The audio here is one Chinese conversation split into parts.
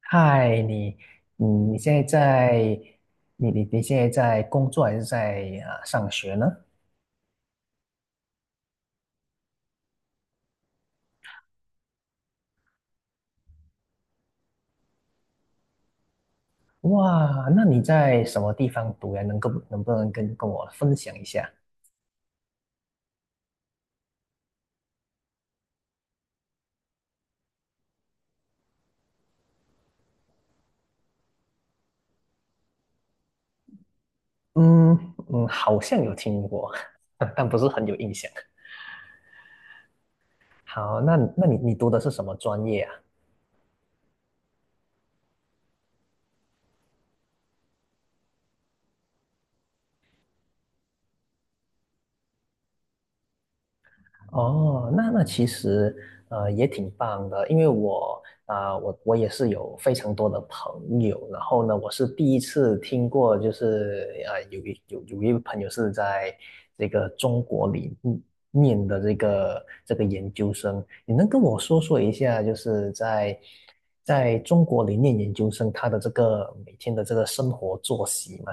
嗨，你，你现在在，你现在在工作还是上学呢？哇，那你在什么地方读呀？能不能跟我分享一下？嗯嗯，好像有听过，但不是很有印象。好，那你读的是什么专业啊？哦，那其实也挺棒的，因为我啊、我我也是有非常多的朋友，然后呢，我是第一次听过，就是有一位朋友是在这个中国里念的这个研究生，你能跟我说说一下，就是在中国里念研究生，他的这个每天的这个生活作息吗？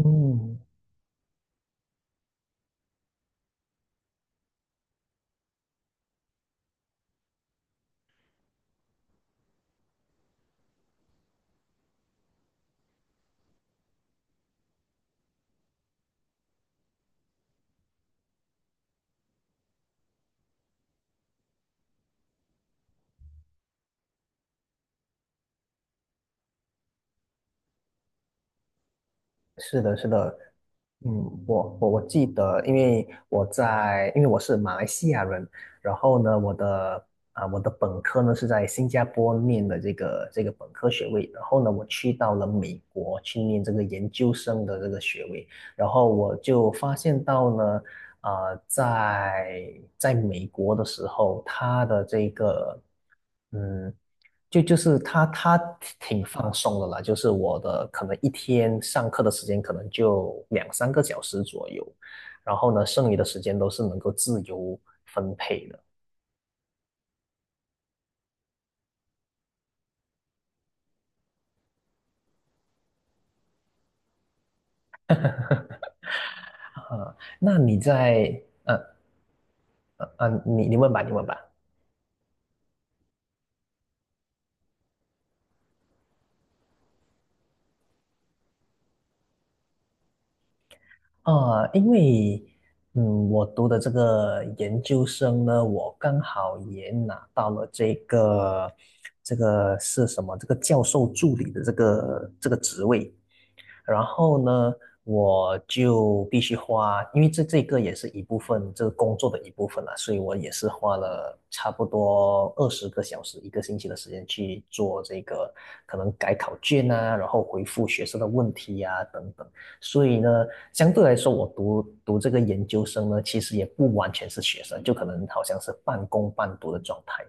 嗯是的，是的，嗯，我记得，因为我是马来西亚人，然后呢，我的本科呢是在新加坡念的这个本科学位，然后呢，我去到了美国去念这个研究生的这个学位，然后我就发现到呢，在美国的时候，他的这个，嗯，就是他挺放松的啦，就是我的可能一天上课的时间可能就两三个小时左右，然后呢，剩余的时间都是能够自由分配的。啊，那你在，呃呃呃，你问吧，你问吧。因为我读的这个研究生呢，我刚好也拿到了这个是什么？这个教授助理的这个职位。然后呢，我就必须花，因为这个也是一部分，这个工作的一部分啦，所以我也是花了差不多20个小时，一个星期的时间去做这个，可能改考卷啊，然后回复学生的问题啊，等等。所以呢，相对来说，我读这个研究生呢，其实也不完全是学生，就可能好像是半工半读的状态。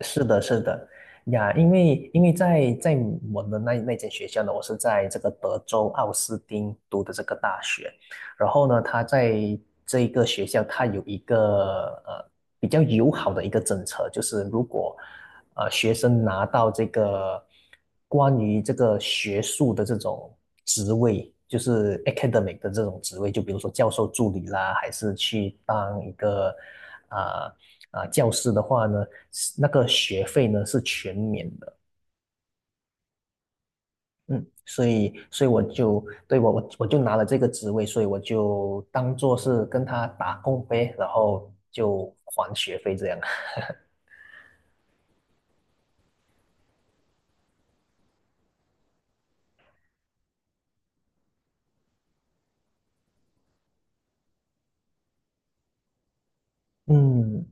是的，是的，呀，因为在我们那间学校呢，我是在这个德州奥斯汀读的这个大学，然后呢，他在这一个学校，他有一个比较友好的一个政策，就是如果学生拿到这个关于这个学术的这种职位，就是 academic 的这种职位，就比如说教授助理啦，还是去当一个啊教师的话呢，那个学费呢是全免的。嗯，所以我就我就拿了这个职位，所以我就当做是跟他打工呗，然后就还学费这样。嗯，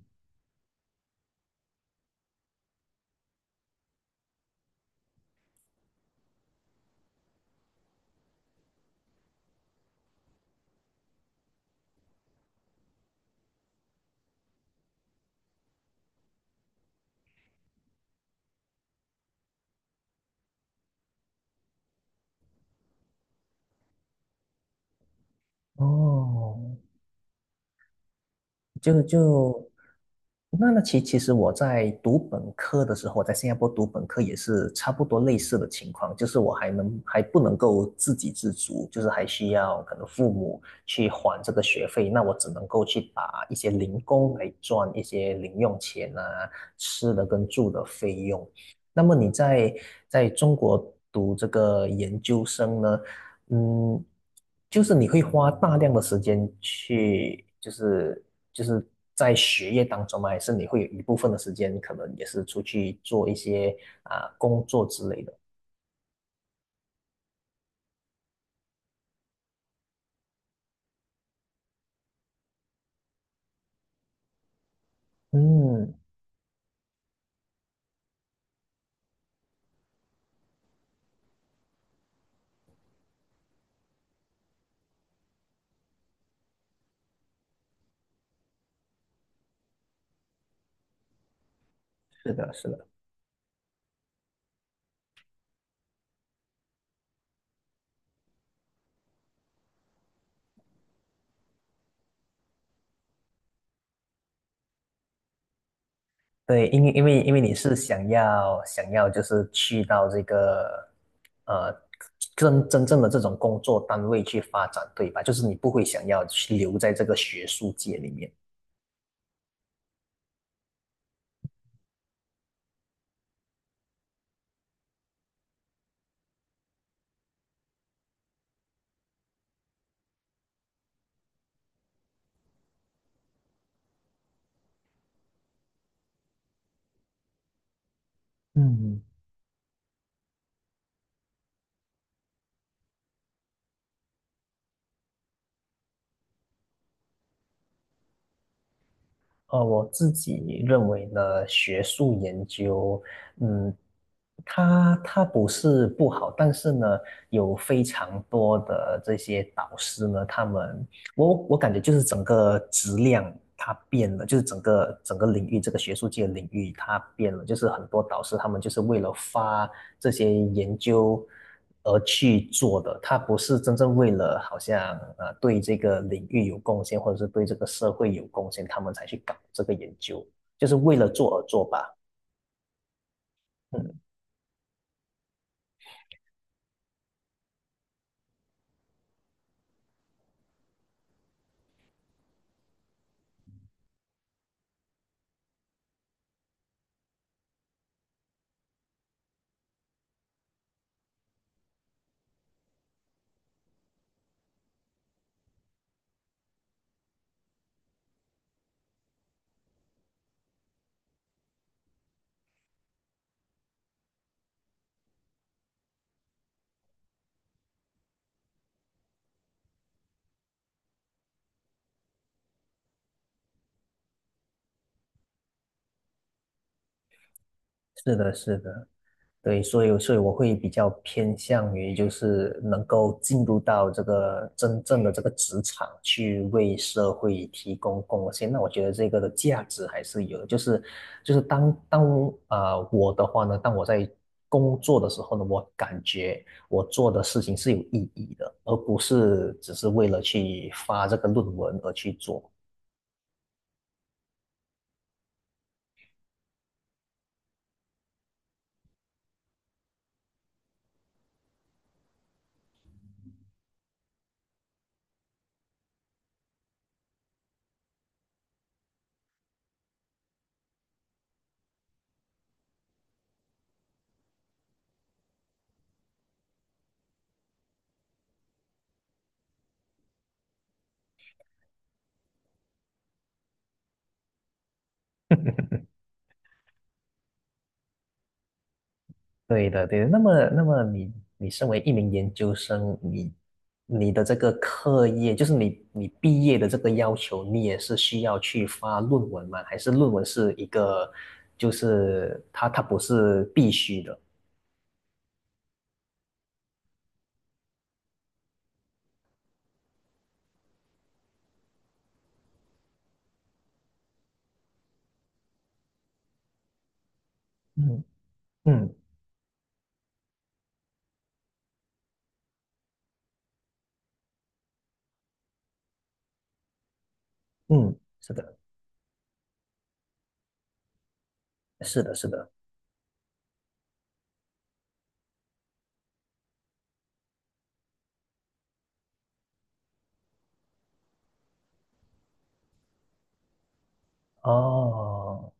哦，就那其实我在读本科的时候，我在新加坡读本科也是差不多类似的情况，就是我还不能够自给自足，就是还需要可能父母去还这个学费，那我只能够去打一些零工来赚一些零用钱啊，吃的跟住的费用。那么你在中国读这个研究生呢？嗯，就是你会花大量的时间去，就是在学业当中吗？还是你会有一部分的时间，可能也是出去做一些工作之类的？嗯，是的，是的，对，因为你是想要就是去到这个呃真正的这种工作单位去发展，对吧？就是你不会想要去留在这个学术界里面。嗯，我自己认为呢，学术研究，嗯，它不是不好，但是呢，有非常多的这些导师呢，他们，我感觉就是整个质量它变了，就是整个领域这个学术界的领域它变了，就是很多导师他们就是为了发这些研究而去做的，他不是真正为了好像对这个领域有贡献，或者是对这个社会有贡献，他们才去搞这个研究，就是为了做而做吧。嗯，是的，是的。对，所以我会比较偏向于就是能够进入到这个真正的这个职场去为社会提供贡献，那我觉得这个的价值还是有的。就是就是当当啊、呃我的话呢，当我在工作的时候呢，我感觉我做的事情是有意义的，而不是只是为了去发这个论文而去做。对的，对的。那么，你身为一名研究生，你的这个课业，就是你毕业的这个要求，你也是需要去发论文吗？还是论文是一个，就是它不是必须的？嗯嗯嗯，是的，是的，是的。哦，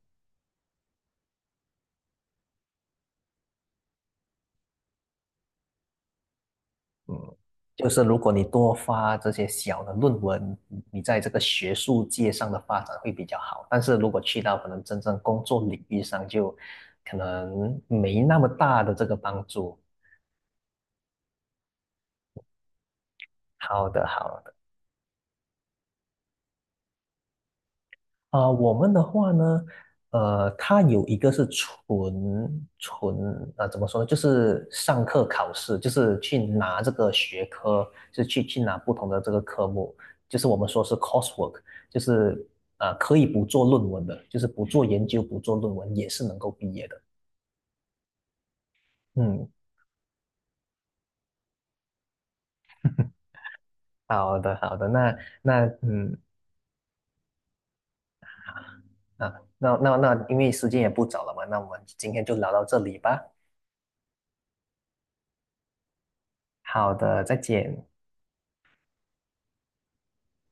嗯，就是如果你多发这些小的论文，你在这个学术界上的发展会比较好。但是如果去到可能真正工作领域上，就可能没那么大的这个帮助。好的，好我们的话呢，它有一个是纯纯呃，怎么说呢？就是上课考试，就是去拿这个学科，就是去拿不同的这个科目，就是我们说是 coursework,就是可以不做论文的，就是不做研究、不做论文也是能够毕业的。嗯，好的好的，那那嗯啊，那那那，因为时间也不早了嘛，那我们今天就聊到这里吧。好的，再见。